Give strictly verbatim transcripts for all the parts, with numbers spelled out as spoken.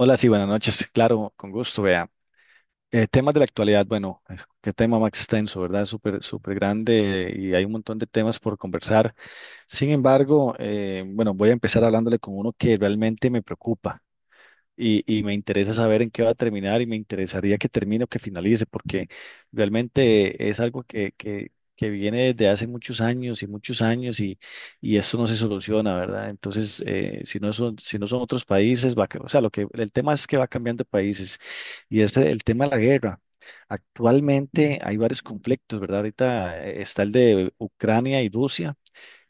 Hola, sí, buenas noches. Claro, con gusto, vea. Eh, temas de la actualidad, bueno, es- qué tema más extenso, ¿verdad? Súper, súper grande y hay un montón de temas por conversar. Sin embargo, eh, bueno, voy a empezar hablándole con uno que realmente me preocupa y, y me interesa saber en qué va a terminar y me interesaría que termine o que finalice, porque realmente es algo que, que, que viene desde hace muchos años y muchos años y, y esto no se soluciona, ¿verdad? Entonces, eh, si no son, si no son otros países, va, ca- o sea, lo que, el tema es que va cambiando de países y es el tema de la guerra. Actualmente hay varios conflictos, ¿verdad? Ahorita eh, está el de Ucrania y Rusia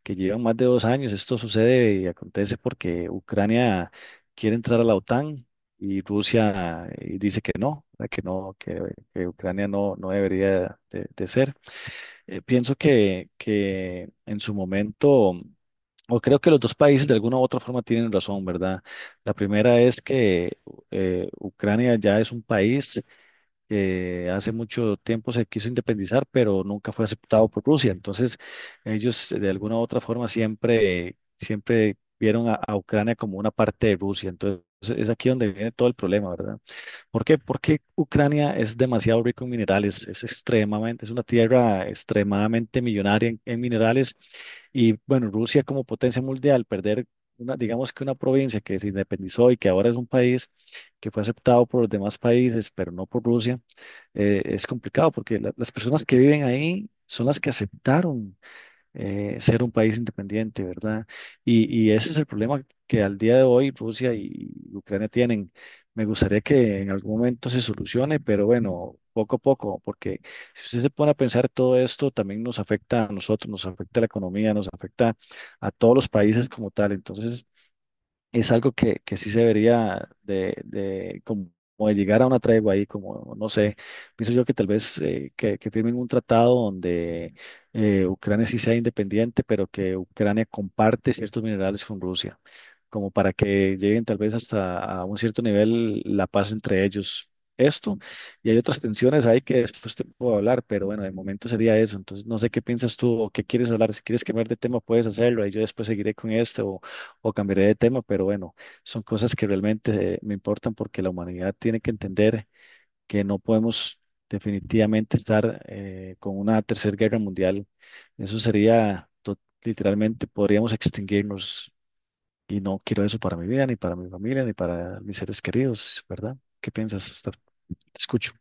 que llevan más de dos años. Esto sucede y acontece porque Ucrania quiere entrar a la OTAN y Rusia eh, dice que no, ¿verdad? Que no, que, que Ucrania no, no debería de, de ser. Eh, pienso que, que en su momento, o creo que los dos países de alguna u otra forma tienen razón, ¿verdad? La primera es que eh, Ucrania ya es un país que hace mucho tiempo se quiso independizar, pero nunca fue aceptado por Rusia. Entonces, ellos de alguna u otra forma siempre, siempre vieron a, a Ucrania como una parte de Rusia. Entonces, es aquí donde viene todo el problema, ¿verdad? ¿Por qué? Porque Ucrania es demasiado rico en minerales, es extremadamente, es una tierra extremadamente millonaria en, en minerales y bueno, Rusia como potencia mundial, perder una, digamos que una provincia que se independizó y que ahora es un país que fue aceptado por los demás países, pero no por Rusia, eh, es complicado porque la- las personas que viven ahí son las que aceptaron eh, ser un país independiente, ¿verdad? Y, y ese es el problema que al día de hoy Rusia y Ucrania tienen. Me gustaría que en algún momento se solucione, pero bueno, poco a poco, porque si usted se pone a pensar todo esto, también nos afecta a nosotros, nos afecta a la economía, nos afecta a todos los países como tal. Entonces, es algo que, que sí se debería de, de como de llegar a una tregua ahí, como no sé, pienso yo que tal vez eh, que, que firmen un tratado donde eh, Ucrania sí sea independiente, pero que Ucrania comparte ciertos minerales con Rusia, como para que lleguen tal vez hasta a un cierto nivel la paz entre ellos. Esto, y hay otras tensiones ahí que después te puedo hablar, pero bueno, de momento sería eso. Entonces, no sé qué piensas tú o qué quieres hablar. Si quieres cambiar de tema, puedes hacerlo y yo después seguiré con este o cambiaré de tema, pero bueno, son cosas que realmente eh, me importan porque la humanidad tiene que entender que no podemos definitivamente estar eh, con una tercera guerra mundial. Eso sería, to- literalmente, podríamos extinguirnos y no quiero eso para mi vida, ni para mi familia, ni para mis seres queridos, ¿verdad? ¿Qué piensas, Esther? Te escucho.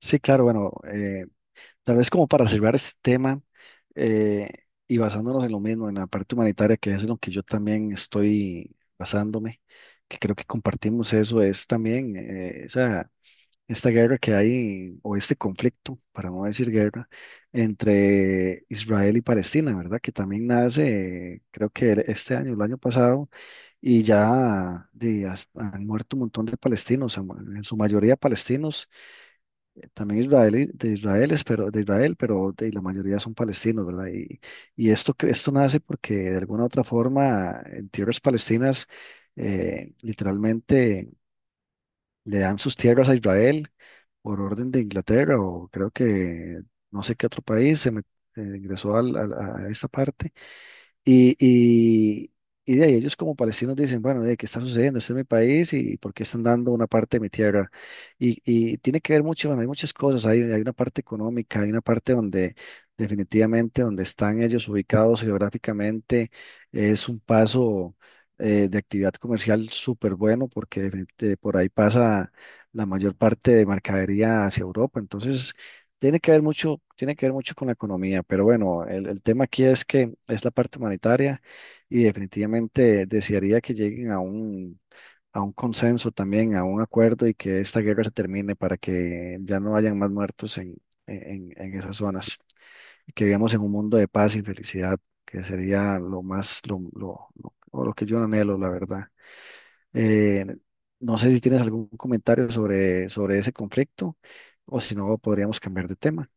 Sí, claro, bueno, eh, tal vez como para cerrar este tema, eh, y basándonos en lo mismo, en la parte humanitaria, que es en lo que yo también estoy basándome, que creo que compartimos eso, es también eh, o sea, esta guerra que hay, o este conflicto, para no decir guerra, entre Israel y Palestina, ¿verdad? Que también nace, eh, creo que el- este año, el año pasado, y ya de, has- han muerto un montón de palestinos, en su mayoría palestinos, también israelí, de Israel, pero, de Israel, pero de, la mayoría son palestinos, ¿verdad? Y, y esto, que- esto nace porque de alguna u otra forma en tierras palestinas, eh, literalmente le dan sus tierras a Israel por orden de Inglaterra o creo que no sé qué otro país se me- eh, ingresó al- al- a esta parte y, y, y de ahí ellos como palestinos dicen, bueno, de qué está sucediendo, este es mi país y por qué están dando una parte de mi tierra. Y, y tiene que ver mucho, bueno, hay muchas cosas, hay, hay una parte económica, hay una parte donde definitivamente donde están ellos ubicados geográficamente es un paso eh, de actividad comercial súper bueno porque definit- eh, por ahí pasa la mayor parte de mercadería hacia Europa. Entonces tiene que ver mucho, tiene que ver mucho con la economía, pero bueno, el, el tema aquí es que es la parte humanitaria y definitivamente desearía que lleguen a un, a un consenso también, a un acuerdo y que esta guerra se termine para que ya no hayan más muertos en, en, en esas zonas y que vivamos en un mundo de paz y felicidad, que sería lo más, lo, lo, lo- o lo que yo anhelo, la verdad. Eh, no sé si tienes algún comentario sobre, sobre ese conflicto o si no, podríamos cambiar de tema.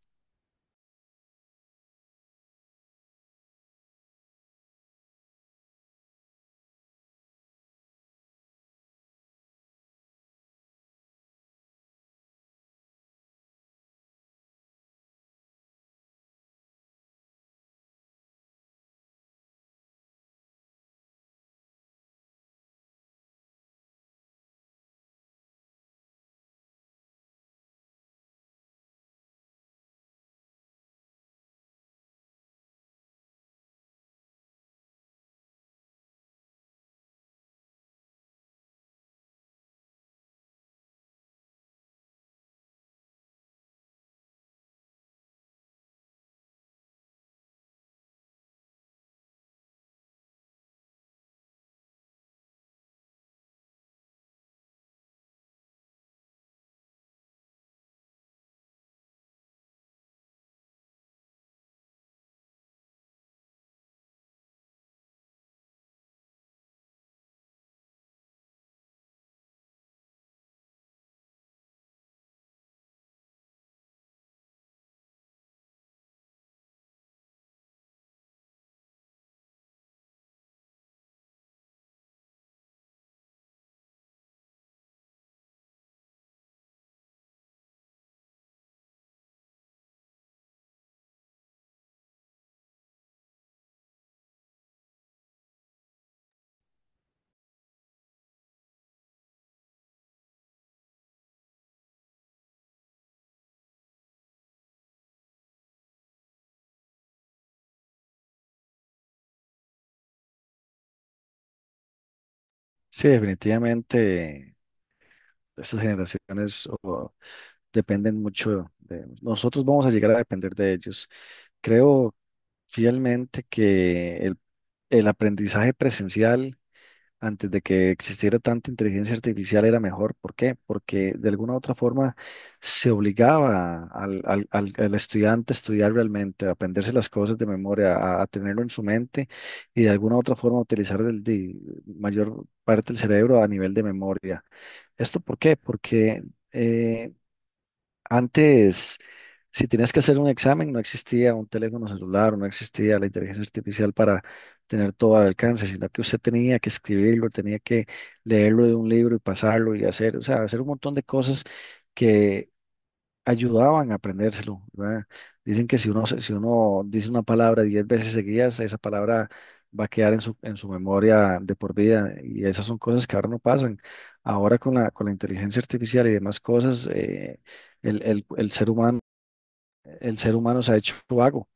Sí, definitivamente estas generaciones o, dependen mucho de nosotros, vamos a llegar a depender de ellos. Creo fielmente que el, el aprendizaje presencial antes de que existiera tanta inteligencia artificial era mejor. ¿Por qué? Porque de alguna u otra forma se obligaba al, al- al- al estudiante a estudiar realmente, a aprenderse las cosas de memoria, a, a tenerlo en su mente y de alguna u otra forma utilizar el, de mayor parte del cerebro a nivel de memoria. ¿Esto por qué? Porque eh, antes, si tenías que hacer un examen, no existía un teléfono celular, no existía la inteligencia artificial para tener todo al alcance, sino que usted tenía que escribirlo, tenía que leerlo de un libro y pasarlo y hacer, o sea, hacer un montón de cosas que ayudaban a aprendérselo, ¿verdad? Dicen que si uno, se- si uno dice una palabra diez veces seguidas, esa palabra va a quedar en su, en su memoria de por vida y esas son cosas que ahora no pasan. Ahora con la, con la inteligencia artificial y demás cosas, eh, el, el el ser humano, el ser humano se ha hecho vago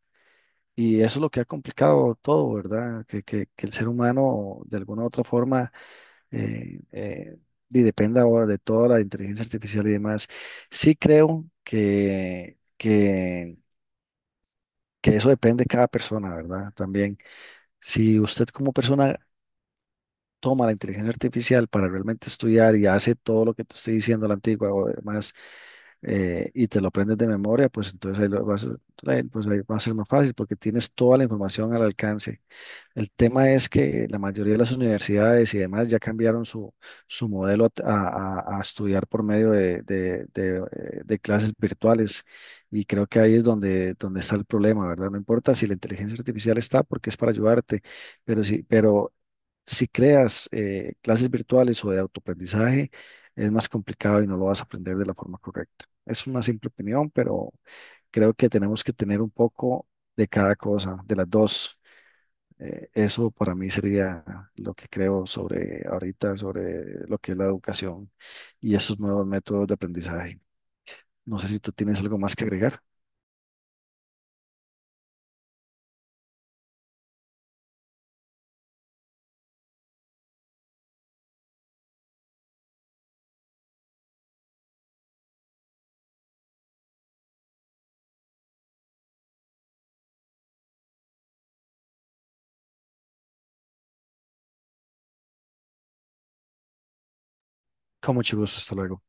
y eso es lo que ha complicado todo, ¿verdad? Que, que- que el ser humano de alguna u otra forma eh, eh, y dependa ahora de toda la inteligencia artificial y demás. Sí creo que, que, que eso depende de cada persona, ¿verdad? También, si usted como persona toma la inteligencia artificial para realmente estudiar y hace todo lo que te estoy diciendo, la antigua o demás, eh, y te lo aprendes de memoria, pues entonces ahí lo vas a, ahí, pues ahí va a ser más fácil porque tienes toda la información al alcance. El tema es que la mayoría de las universidades y demás ya cambiaron su, su modelo a, a- a estudiar por medio de, de- de, eh, de clases virtuales y creo que ahí es donde, donde está el problema, ¿verdad? No importa si la inteligencia artificial está porque es para ayudarte, pero sí, pero si creas eh, clases virtuales o de autoaprendizaje, es más complicado y no lo vas a aprender de la forma correcta. Es una simple opinión, pero creo que tenemos que tener un poco de cada cosa, de las dos. Eh, eso para mí sería lo que creo sobre ahorita, sobre lo que es la educación y esos nuevos métodos de aprendizaje. No sé si tú tienes algo más que agregar. Con mucho gusto, hasta luego.